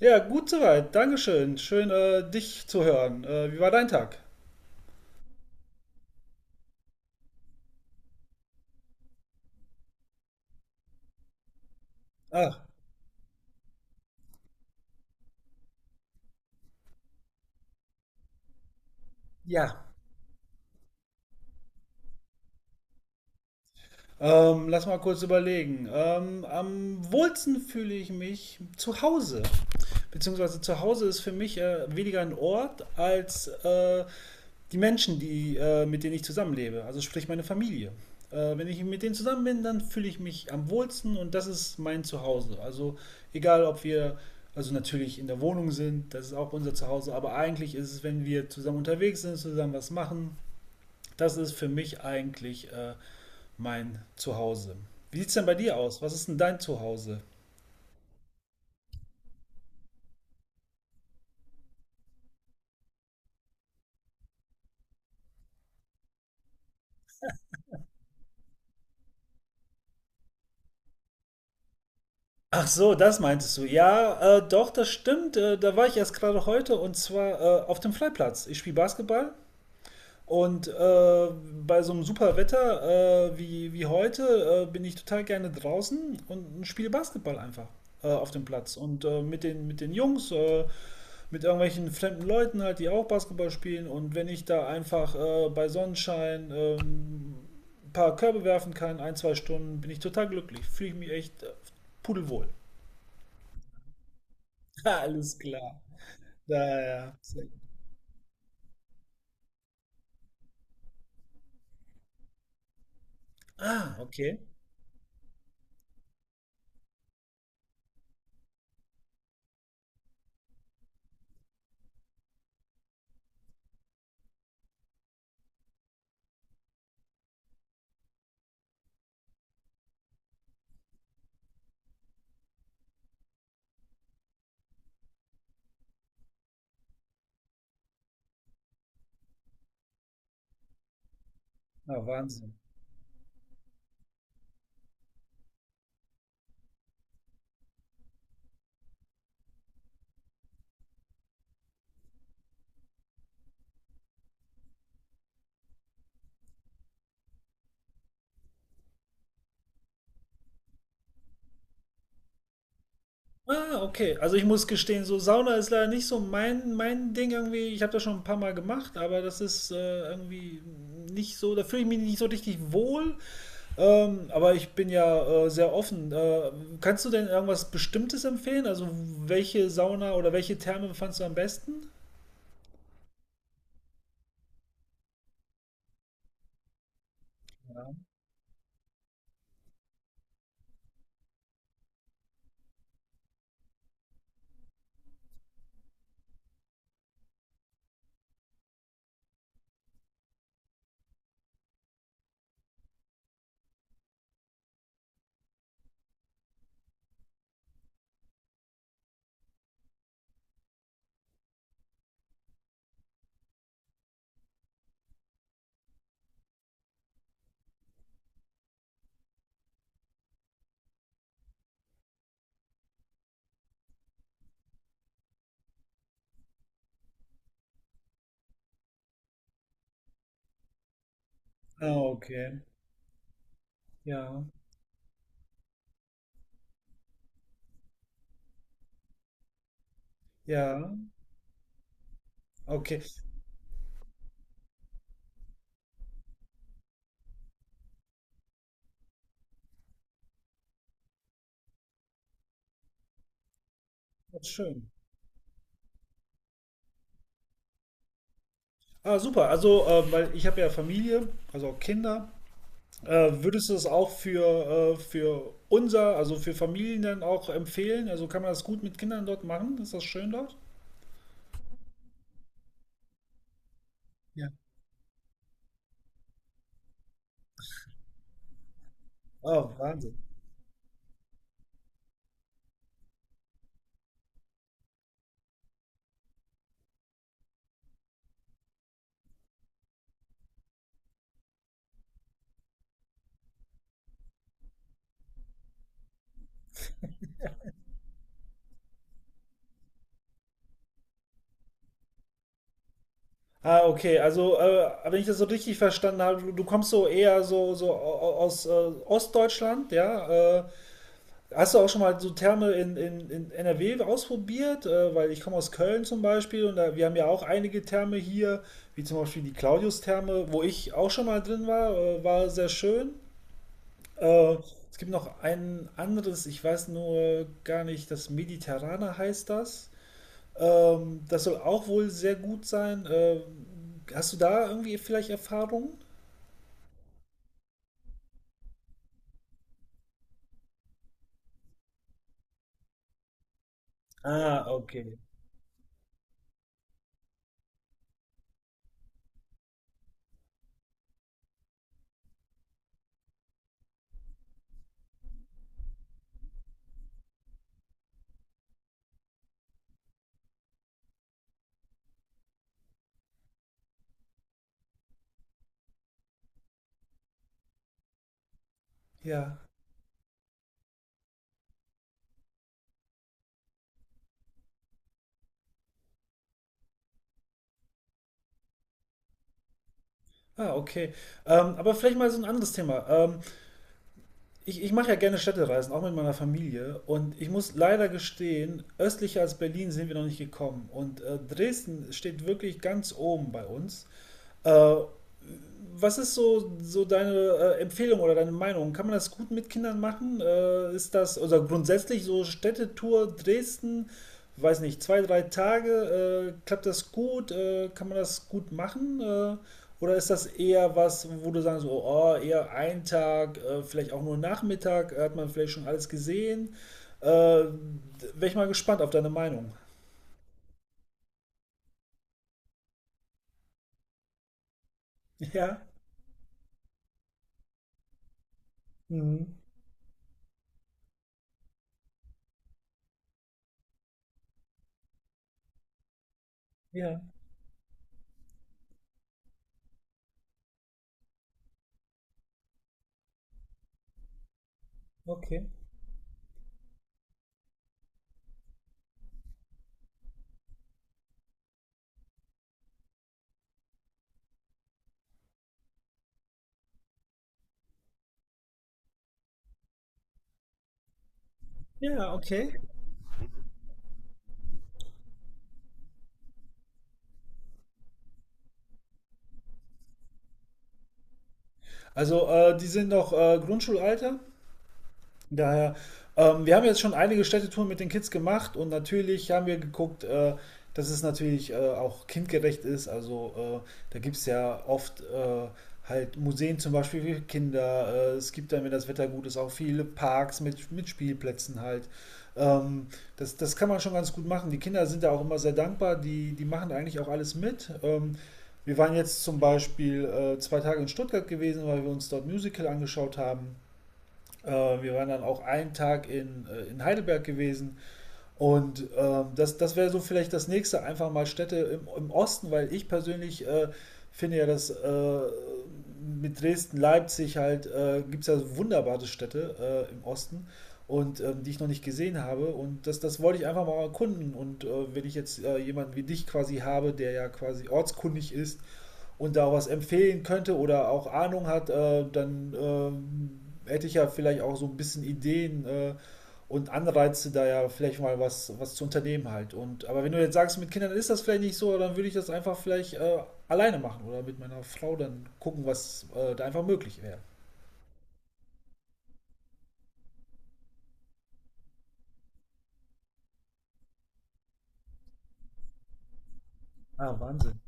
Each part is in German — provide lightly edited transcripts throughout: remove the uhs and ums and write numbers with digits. Ja, gut soweit. Dankeschön. Schön, dich zu hören. Wie war dein Tag? Ach, ja. Lass mal kurz überlegen. Am wohlsten fühle ich mich zu Hause. Beziehungsweise zu Hause ist für mich weniger ein Ort als die Menschen, die mit denen ich zusammenlebe, also sprich meine Familie. Wenn ich mit denen zusammen bin, dann fühle ich mich am wohlsten und das ist mein Zuhause. Also egal, ob wir also natürlich in der Wohnung sind, das ist auch unser Zuhause, aber eigentlich ist es, wenn wir zusammen unterwegs sind, zusammen was machen, das ist für mich eigentlich mein Zuhause. Wie sieht es denn bei dir aus? Was ist denn dein Zuhause? Ach so, das meintest du. Ja, doch, das stimmt. Da war ich erst gerade heute und zwar auf dem Freiplatz. Ich spiele Basketball. Und bei so einem super Wetter wie heute bin ich total gerne draußen und spiele Basketball einfach auf dem Platz. Und mit den Jungs, mit irgendwelchen fremden Leuten halt, die auch Basketball spielen. Und wenn ich da einfach bei Sonnenschein ein paar Körbe werfen kann, ein, zwei Stunden, bin ich total glücklich. Fühle ich mich echt pudelwohl. Alles klar. Ja, ja. Sehr gut. Ah, okay. Na, Wahnsinn. Ah, okay. Also ich muss gestehen, so Sauna ist leider nicht so mein Ding irgendwie. Ich habe das schon ein paar Mal gemacht, aber das ist irgendwie nicht so, da fühle ich mich nicht so richtig wohl. Aber ich bin ja sehr offen. Kannst du denn irgendwas Bestimmtes empfehlen? Also welche Sauna oder welche Therme fandst du am besten? Ah, okay. Ja. Ja. Okay. Das ist schön. Ah, super. Also, weil ich habe ja Familie, also auch Kinder. Würdest du es auch für unser, also für Familien dann auch empfehlen? Also kann man das gut mit Kindern dort machen? Ist das schön dort? Ja. Oh, Wahnsinn. Ah, okay. Also, wenn ich das so richtig verstanden habe, du kommst so eher so, so au- aus Ostdeutschland, ja? Hast du auch schon mal so Therme in NRW ausprobiert? Weil ich komme aus Köln zum Beispiel und da, wir haben ja auch einige Therme hier, wie zum Beispiel die Claudius-Therme, wo ich auch schon mal drin war, war sehr schön. Äh, Es gibt noch ein anderes, ich weiß nur gar nicht, das Mediterrane heißt das. Das soll auch wohl sehr gut sein. Hast du da irgendwie vielleicht Erfahrungen? Ah, okay. Ja. Ah, okay. Aber vielleicht mal so ein anderes Thema. Ich mache ja gerne Städtereisen, auch mit meiner Familie. Und ich muss leider gestehen, östlicher als Berlin sind wir noch nicht gekommen. Und Dresden steht wirklich ganz oben bei uns. Äh, Was ist so, so deine Empfehlung oder deine Meinung? Kann man das gut mit Kindern machen? Ist das, oder grundsätzlich so Städtetour Dresden, weiß nicht, zwei, drei Tage, klappt das gut? Kann man das gut machen? Oder ist das eher was, wo du sagst, so, oh, eher ein Tag, vielleicht auch nur Nachmittag, hat man vielleicht schon alles gesehen? Wäre ich mal gespannt auf deine Meinung. Ja, mhm. Ja, okay. Ja, okay. Also, die sind noch Grundschulalter? Daher, wir haben jetzt schon einige Städtetouren mit den Kids gemacht und natürlich haben wir geguckt, dass es natürlich auch kindgerecht ist. Also da gibt es ja oft halt Museen zum Beispiel für Kinder. Es gibt dann, wenn das Wetter gut ist, auch viele Parks mit Spielplätzen halt. Ähm, das kann man schon ganz gut machen. Die Kinder sind da auch immer sehr dankbar. Die machen eigentlich auch alles mit. Wir waren jetzt zum Beispiel zwei Tage in Stuttgart gewesen, weil wir uns dort Musical angeschaut haben. Wir waren dann auch einen Tag in Heidelberg gewesen. Und das wäre so vielleicht das nächste, einfach mal Städte im Osten, weil ich persönlich finde ja, dass mit Dresden, Leipzig halt, gibt es ja so wunderbare Städte im Osten und die ich noch nicht gesehen habe. Und das wollte ich einfach mal erkunden. Und wenn ich jetzt jemanden wie dich quasi habe, der ja quasi ortskundig ist, und da auch was empfehlen könnte oder auch Ahnung hat, dann hätte ich ja vielleicht auch so ein bisschen Ideen und Anreize, da ja vielleicht mal was zu unternehmen halt. Und, aber wenn du jetzt sagst, mit Kindern ist das vielleicht nicht so, dann würde ich das einfach vielleicht alleine machen oder mit meiner Frau dann gucken, was da einfach möglich wäre. Ah, Wahnsinn.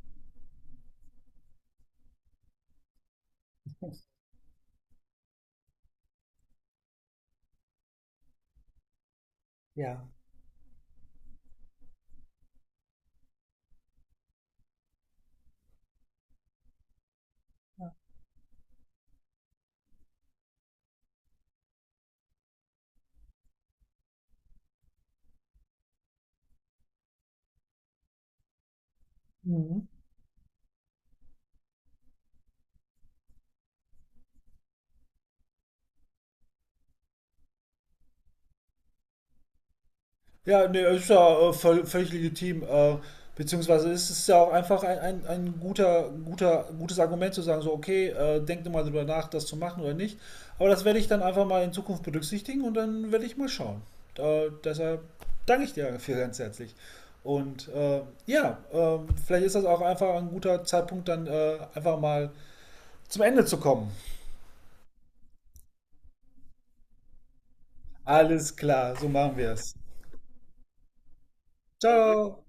Ja. Mhm. Ja, ne, ist ja völlig legitim. Beziehungsweise ist es ja auch einfach ein gutes Argument zu sagen, so, okay, denkt mal drüber nach, das zu machen oder nicht. Aber das werde ich dann einfach mal in Zukunft berücksichtigen und dann werde ich mal schauen. Deshalb danke ich dir dafür ganz herzlich. Und ja, vielleicht ist das auch einfach ein guter Zeitpunkt, dann einfach mal zum Ende zu kommen. Alles klar, so machen wir es. Perfekt. Ciao.